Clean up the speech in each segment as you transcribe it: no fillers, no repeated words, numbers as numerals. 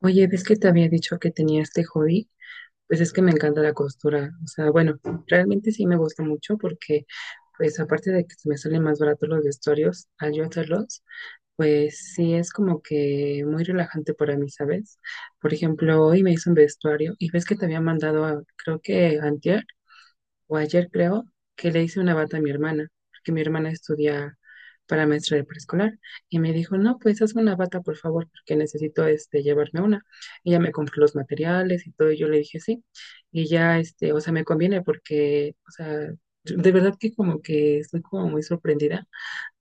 Oye, ¿ves que te había dicho que tenía este hobby? Pues es que me encanta la costura. Realmente sí me gusta mucho porque, pues aparte de que se me salen más baratos los vestuarios al yo hacerlos, pues sí es como que muy relajante para mí, ¿sabes? Por ejemplo, hoy me hice un vestuario y ves que te había mandado, creo que antier, o ayer creo, que le hice una bata a mi hermana, porque mi hermana estudia para maestra de preescolar, y me dijo, no, pues hazme una bata, por favor, porque necesito llevarme una. Ella me compró los materiales y todo, y yo le dije sí, y ya, me conviene porque, de verdad que como que estoy como muy sorprendida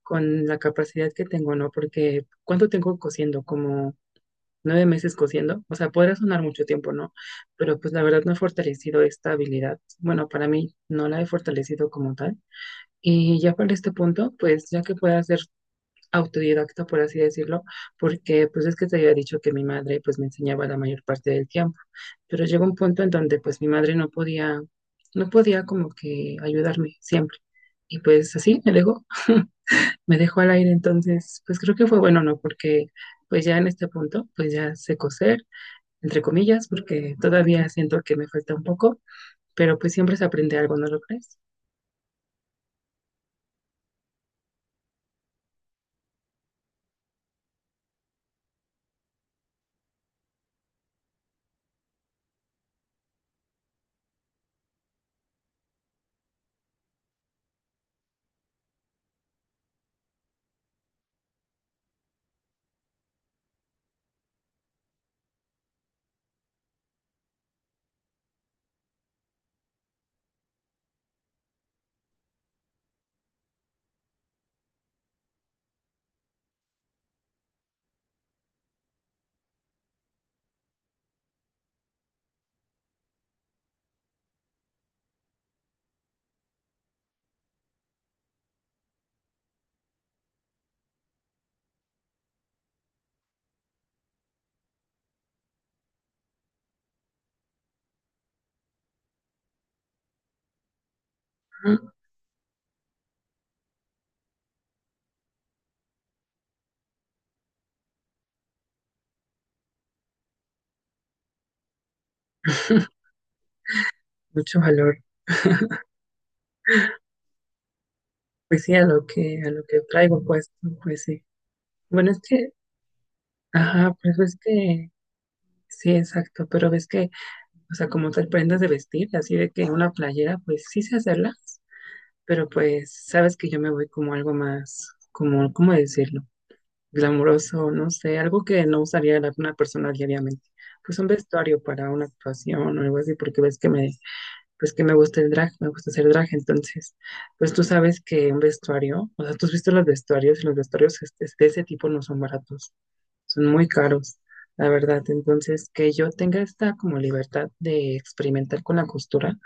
con la capacidad que tengo, ¿no? Porque, ¿cuánto tengo cosiendo? Como 9 meses cosiendo, o sea, podría sonar mucho tiempo, ¿no? Pero pues la verdad no he fortalecido esta habilidad. Bueno, para mí no la he fortalecido como tal. Y ya para este punto, pues ya que pueda ser autodidacta, por así decirlo, porque pues es que te había dicho que mi madre pues me enseñaba la mayor parte del tiempo, pero llegó un punto en donde pues mi madre no podía, como que ayudarme siempre. Y pues así me dejó, me dejó al aire, entonces pues creo que fue bueno, ¿no? Porque pues ya en este punto, pues ya sé coser, entre comillas, porque todavía siento que me falta un poco, pero pues siempre se aprende algo, ¿no lo crees? Ujú. Mucho valor, pues sí, a lo que traigo pues, pues sí. Bueno, es que, ajá, pues es que, sí, exacto, pero ves que, o sea, como tal prendas de vestir, así de que una playera, pues sí sé hacerlas, pero pues sabes que yo me voy como algo más, como, ¿cómo decirlo? Glamuroso, no sé, algo que no usaría una persona diariamente. Pues un vestuario para una actuación o algo así, porque ves que me, pues que me gusta el drag, me gusta hacer drag, entonces, pues tú sabes que un vestuario, o sea, tú has visto los vestuarios y los vestuarios de ese tipo no son baratos, son muy caros, la verdad, entonces que yo tenga esta como libertad de experimentar con la costura,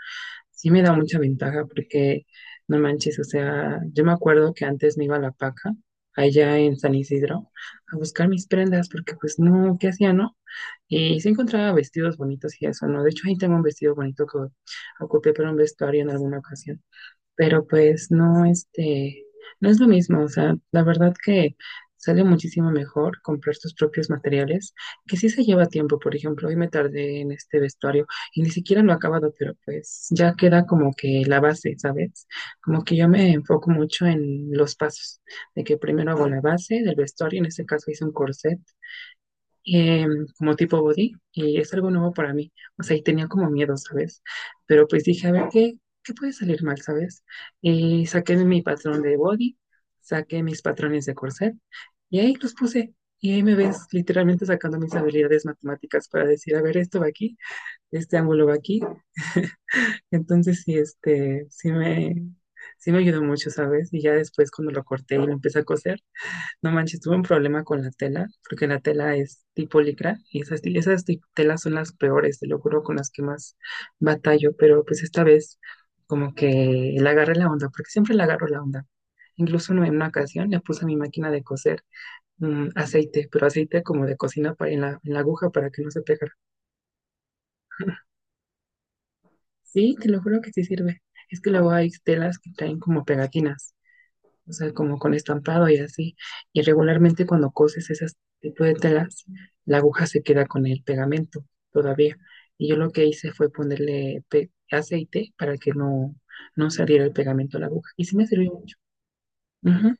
sí me da mucha ventaja porque, no manches, o sea, yo me acuerdo que antes me iba a la paca, allá en San Isidro, a buscar mis prendas, porque pues no, ¿qué hacía, no? Y se encontraba vestidos bonitos y eso, ¿no? De hecho, ahí tengo un vestido bonito que ocupé para un vestuario en alguna ocasión. Pero pues no, no es lo mismo. O sea, la verdad que sale muchísimo mejor comprar tus propios materiales, que sí se lleva tiempo. Por ejemplo, hoy me tardé en este vestuario y ni siquiera lo he acabado, pero pues ya queda como que la base, ¿sabes? Como que yo me enfoco mucho en los pasos, de que primero hago la base del vestuario, en este caso hice un corset eh, como tipo body y es algo nuevo para mí. O sea, y tenía como miedo, ¿sabes? Pero pues dije, a ver, ¿qué puede salir mal, ¿sabes? Y saqué mi patrón de body, saqué mis patrones de corset y ahí los puse. Y ahí me ves literalmente sacando mis habilidades matemáticas para decir, a ver, esto va aquí, este ángulo va aquí. Entonces, sí, sí me ayudó mucho, ¿sabes? Y ya después cuando lo corté y lo empecé a coser, no manches, tuve un problema con la tela, porque la tela es tipo licra y esas, telas son las peores, te lo juro, con las que más batallo, pero pues esta vez como que le agarré la onda, porque siempre le agarro la onda. Incluso en una ocasión le puse a mi máquina de coser aceite, pero aceite como de cocina para, en la aguja para que no se pegara. Sí, te lo juro que sí sirve. Es que luego hay telas que traen como pegatinas, o sea, como con estampado y así. Y regularmente cuando coses ese tipo de telas, la aguja se queda con el pegamento todavía. Y yo lo que hice fue ponerle aceite para que no, no saliera el pegamento a la aguja. Y sí me sirvió mucho. Ujú.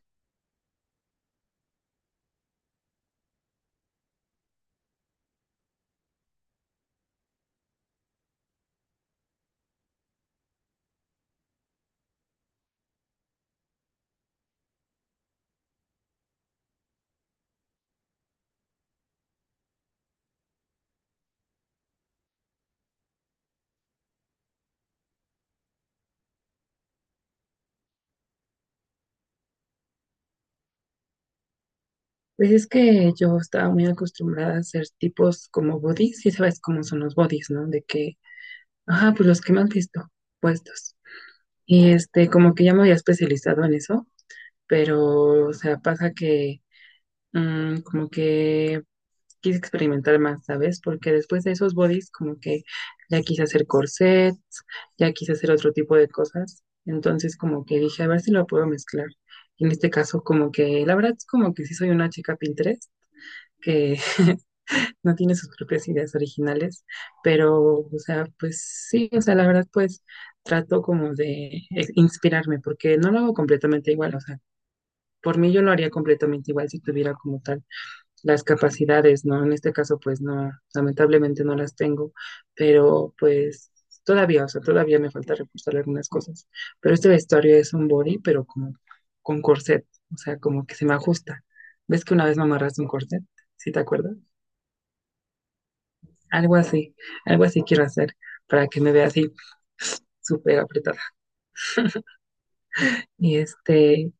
Pues es que yo estaba muy acostumbrada a hacer tipos como bodies, y sabes cómo son los bodies, ¿no? De que, ajá, pues los que me han visto puestos. Y este, como que ya me había especializado en eso, pero, o sea, pasa que como que quise experimentar más, ¿sabes? Porque después de esos bodies, como que ya quise hacer corsets, ya quise hacer otro tipo de cosas. Entonces, como que dije, a ver si lo puedo mezclar. Y en este caso, como que, la verdad es como que sí soy una chica Pinterest, que no tiene sus propias ideas originales, pero, o sea, pues sí, o sea, la verdad, pues trato como de inspirarme, porque no lo hago completamente igual, o sea, por mí yo lo haría completamente igual si tuviera como tal las capacidades, ¿no? En este caso, pues no, lamentablemente no las tengo, pero pues todavía, o sea, todavía me falta reforzar algunas cosas. Pero este vestuario es un body, pero como con corset, o sea, como que se me ajusta. ¿Ves que una vez me amarraste un corset? ¿Sí te acuerdas? Algo así, algo así quiero hacer para que me vea así súper apretada. Y este,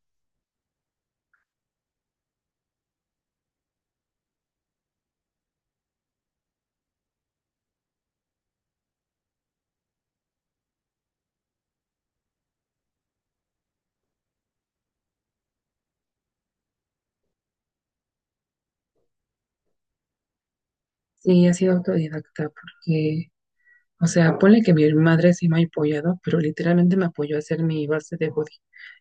sí, he sido autodidacta porque, o sea, ponle que mi madre sí me ha apoyado, pero literalmente me apoyó a hacer mi base de body.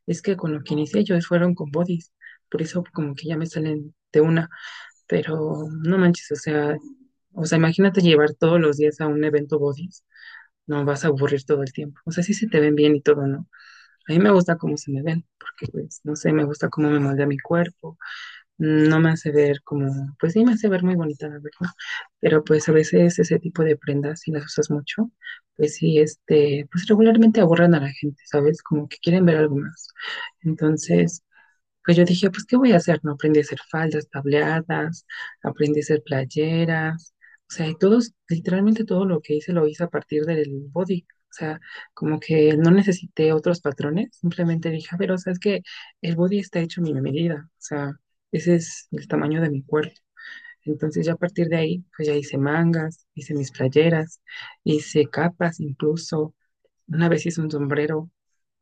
Es que con lo que inicié yo fueron con bodies, por eso como que ya me salen de una, pero no manches, o sea, imagínate llevar todos los días a un evento bodies, no vas a aburrir todo el tiempo. O sea, sí se te ven bien y todo, ¿no? A mí me gusta cómo se me ven, porque pues, no sé, me gusta cómo me moldea mi cuerpo, no me hace ver como, pues sí me hace ver muy bonita, la verdad, pero pues a veces ese tipo de prendas, si las usas mucho, pues sí, pues regularmente aburren a la gente, ¿sabes? Como que quieren ver algo más. Entonces, pues yo dije, pues, ¿qué voy a hacer? No aprendí a hacer faldas, tableadas, aprendí a hacer playeras. O sea, y todos, literalmente todo lo que hice lo hice a partir del body. O sea, como que no necesité otros patrones. Simplemente dije, a ver, o sea, es que el body está hecho a mi medida. O sea, ese es el tamaño de mi cuerpo. Entonces, ya a partir de ahí, pues ya hice mangas, hice mis playeras, hice capas, incluso una vez hice un sombrero, o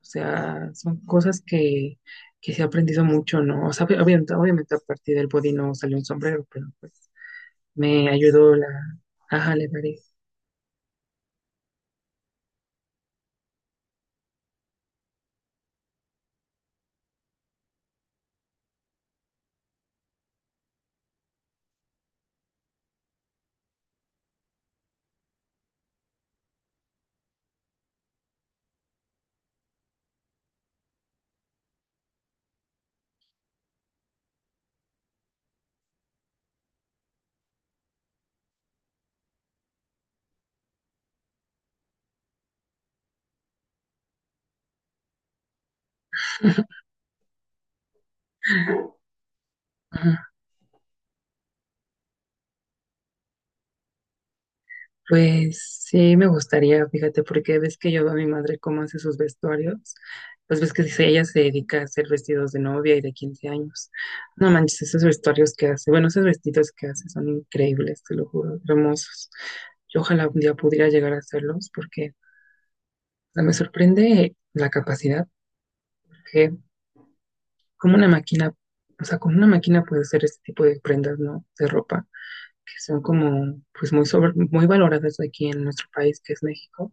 sea, son cosas que se ha aprendido mucho, ¿no? O sea, obviamente, obviamente a partir del body no salió un sombrero, pero pues me ayudó ajá, le daré. Ajá. Pues sí, me gustaría, fíjate, porque ves que yo veo a mi madre cómo hace sus vestuarios, pues ves que dice, ella se dedica a hacer vestidos de novia y de 15 años. No manches, esos vestuarios que hace, bueno, esos vestidos que hace son increíbles, te lo juro, hermosos. Yo ojalá un día pudiera llegar a hacerlos, porque, o sea, me sorprende la capacidad que como una máquina, o sea, con una máquina puede hacer este tipo de prendas, ¿no? De ropa, que son como, pues muy sobre, muy valoradas aquí en nuestro país, que es México.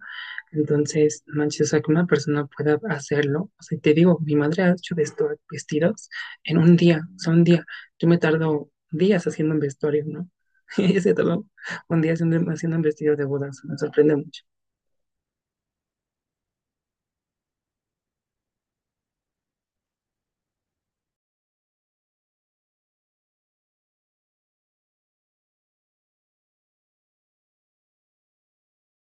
Entonces, no manches, o sea, que una persona pueda hacerlo. O sea, te digo, mi madre ha hecho vestidos en un día, o sea, un día. Yo me tardo días haciendo un vestuario, ¿no? Ella se tardó un día haciendo, haciendo un vestido de bodas, me sorprende mucho.